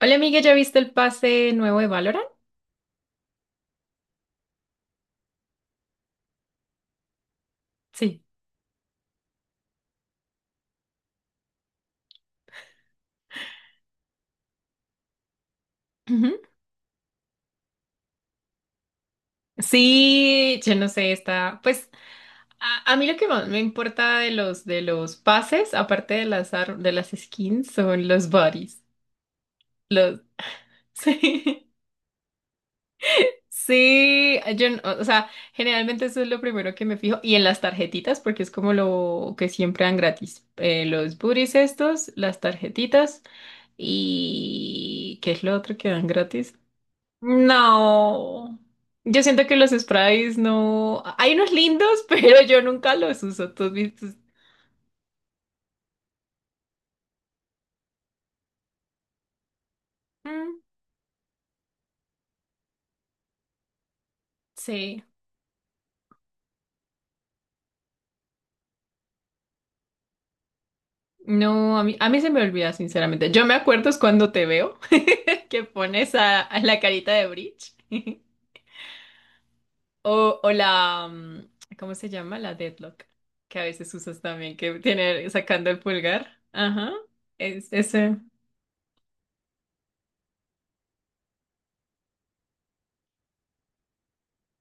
Hola amiga, ¿ya viste el pase nuevo de Valorant? Sí. Ujú. Sí, yo no sé, está, pues a mí lo que más me importa de los pases, aparte de de las skins, son los bodies. Los Sí. Sí, yo, no- o sea, generalmente eso es lo primero que me fijo y en las tarjetitas porque es como lo que siempre dan gratis. Los booties estos, las tarjetitas y ¿qué es lo otro que dan gratis? No. Yo siento que los sprays no. Hay unos lindos, pero yo nunca los uso. ¿Tú has visto? Mm, sí. No, a mí se me olvida, sinceramente. Yo me acuerdo es cuando te veo que pones a la carita de Breach. ¿Cómo se llama? La Deadlock. Que a veces usas también, que tiene sacando el pulgar. Ajá. Es, ese.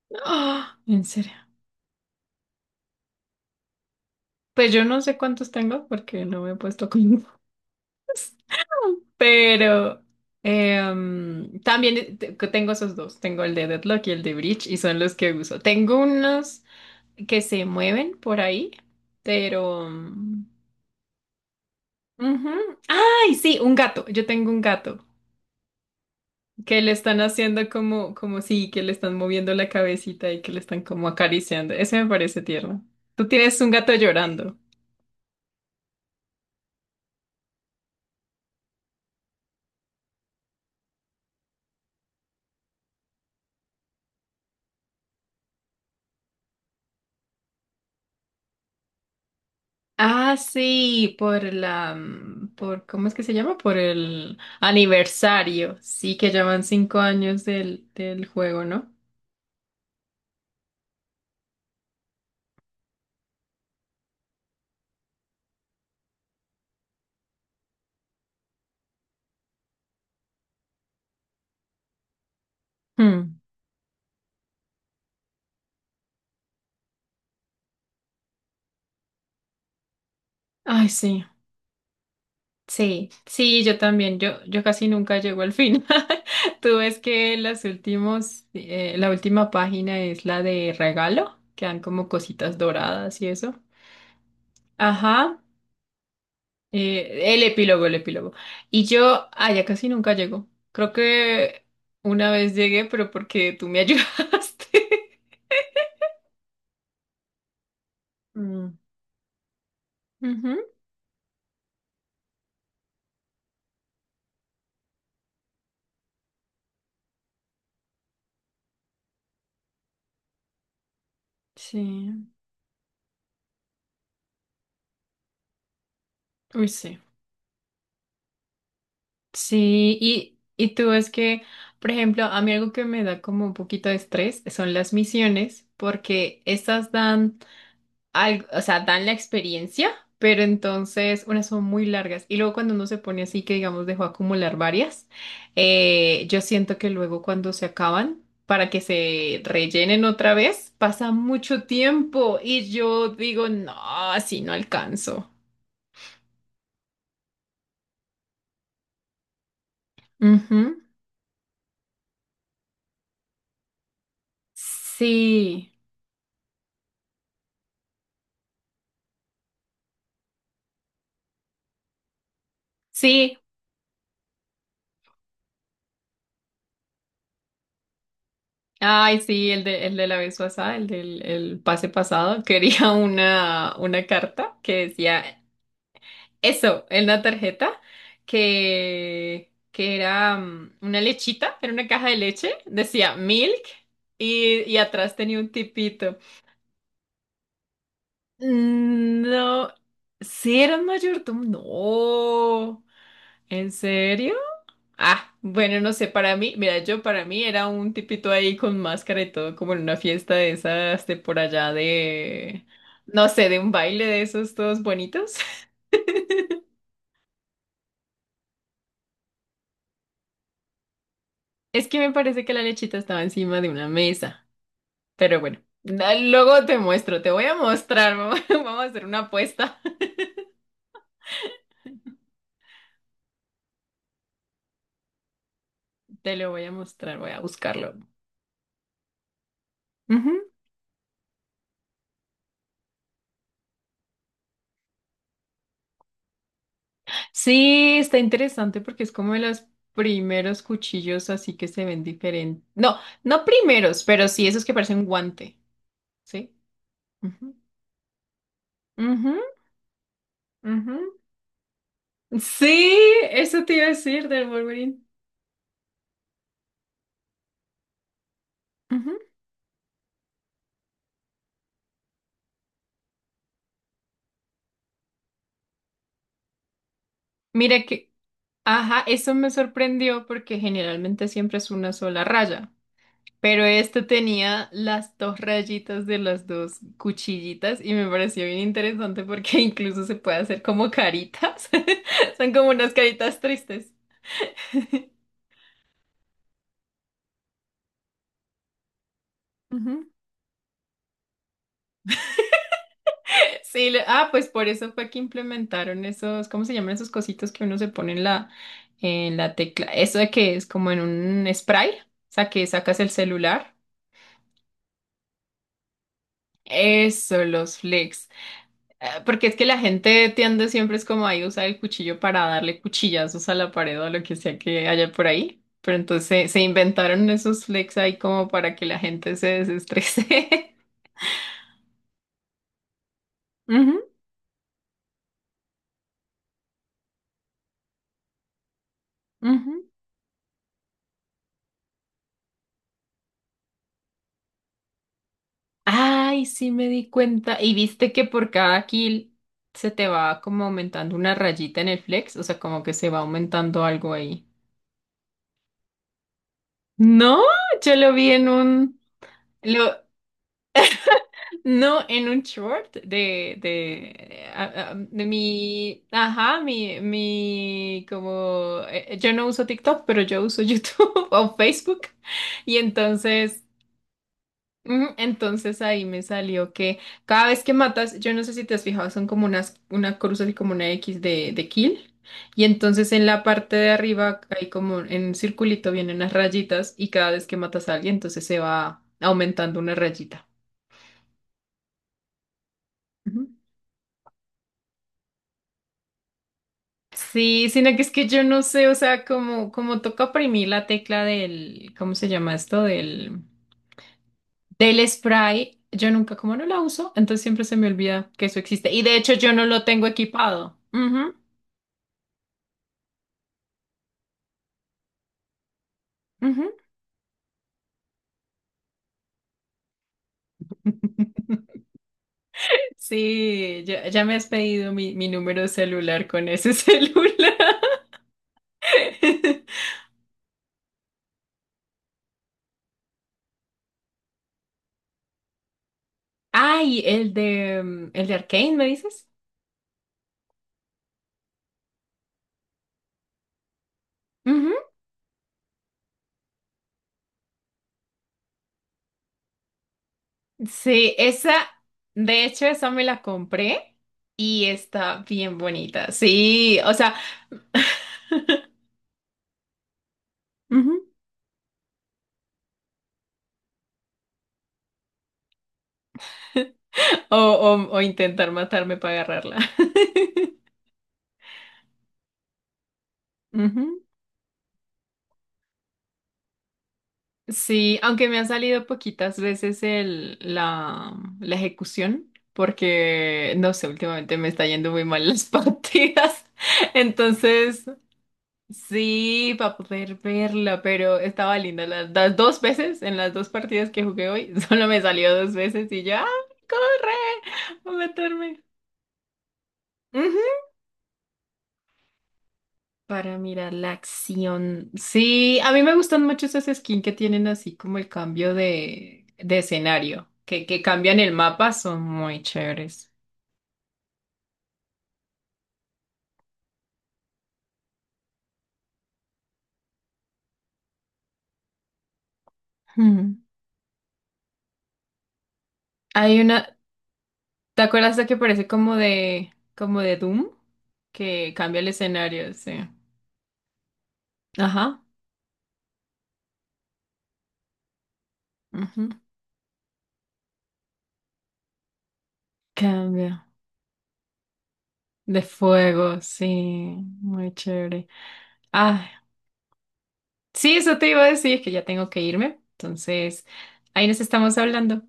¡Ah! ¿En serio? Pues yo no sé cuántos tengo porque no me he puesto con. Pero también tengo esos dos, tengo el de Deadlock y el de Breach y son los que uso. Tengo unos que se mueven por ahí. pero... mm, Ujú. ¡Ay, sí! Un gato, yo tengo un gato que le están haciendo como sí, que le están moviendo la cabecita y que le están como acariciando. Ese me parece tierno. Tú tienes un gato llorando. Ah, sí, por la, mm, por, ¿cómo es que se llama? Por el aniversario, sí, que ya van 5 años del juego, ¿no? Hmm. Ay, sí, sí, sí, yo también, yo casi nunca llego al final. Tú ves que la última página es la de regalo, que dan como cositas doradas y eso. Ajá. El epílogo, el epílogo. Y yo, ya casi nunca llego. Creo que una vez llegué, pero porque tú me ayudaste. Mm. Ujú. Sí, uy, sí. Sí, y tú es que, por ejemplo, a mí algo que me da como un poquito de estrés son las misiones, porque estas dan o sea, dan la experiencia, pero entonces unas son muy largas. Y luego cuando uno se pone así que, digamos, dejó acumular varias, yo siento que luego cuando se acaban, para que se rellenen otra vez, pasa mucho tiempo y yo digo, no, así no alcanzo. Ujú. Sí, sí. Ay, sí, el de la vez pasada, el pase pasado, quería una carta que decía. Eso, en la tarjeta, que era una lechita, era una caja de leche, decía milk y atrás tenía un tipito. Mm, no, ¿sí era un mayordomo? No, ¿en serio? Ah, bueno, no sé, para mí, mira, yo para mí era un tipito ahí con máscara y todo, como en una fiesta de esas de por allá de, no sé, de un baile de esos todos bonitos. Es que me parece que la lechita estaba encima de una mesa. Pero bueno, luego te voy a mostrar, vamos a hacer una apuesta. Te lo voy a mostrar, voy a buscarlo. Ujú. Sí, está interesante porque es como de los primeros cuchillos así que se ven diferentes. No, no primeros, pero sí esos que parecen guante, ¿sí? Ujú. Ujú, ujú. Sí, eso te iba a decir del Wolverine. Ujú. Mira que, ajá, eso me sorprendió porque generalmente siempre es una sola raya. Pero este tenía las dos rayitas de las dos cuchillitas y me pareció bien interesante porque incluso se puede hacer como caritas. Son como unas caritas tristes. Ujú. Sí, pues por eso fue que implementaron esos. ¿Cómo se llaman esos cositos que uno se pone en la tecla? Eso de que es como en un spray, o sea, que sacas el celular. Eso, los flex. Porque es que la gente tiende siempre es como ahí usar el cuchillo para darle cuchillazos a la pared o a lo que sea que haya por ahí. Pero entonces se inventaron esos flex ahí como para que la gente se desestrese. Ujú, ujú. Ay, sí me di cuenta. Y viste que por cada kill se te va como aumentando una rayita en el flex, o sea, como que se va aumentando algo ahí. No, yo lo vi en un, lo, no, en un short de mi, ajá, mi, como, yo no uso TikTok, pero yo uso YouTube o Facebook. Y entonces ahí me salió que cada vez que matas, yo no sé si te has fijado, son como una cruz así como una X de kill. Y entonces en la parte de arriba hay como en un circulito vienen unas rayitas y cada vez que matas a alguien, entonces se va aumentando una rayita. Sí, sino que es que yo no sé, o sea, como, toca oprimir la tecla del. ¿Cómo se llama esto? Del spray, yo nunca, como no la uso, entonces siempre se me olvida que eso existe. Y de hecho yo no lo tengo equipado. Ujú, ujú. Sí, ya me has pedido mi número de celular con ese celular. Ay, el de Arcane, ¿me dices? Sí, esa, de hecho, esa me la compré y está bien bonita. Sí, o sea, ujú, O intentar matarme para agarrarla. Ujú. Sí, aunque me han salido poquitas veces la ejecución, porque, no sé, últimamente me está yendo muy mal las partidas. Entonces, sí, para poder verla, pero estaba linda. Las dos veces, en las dos partidas que jugué hoy, solo me salió dos veces y ya, ¡corre! A meterme. Ujú. Para mirar la acción. Sí, a mí me gustan mucho esas skins que tienen así como el cambio de escenario, que cambian el mapa, son muy chéveres. Ujú. Hay una, ¿te acuerdas de que parece como de Doom? Que cambia el escenario, sí. Ajá. Cambia. De fuego, sí. Muy chévere. Ah, sí, eso te iba a decir, que ya tengo que irme. Entonces, ahí nos estamos hablando.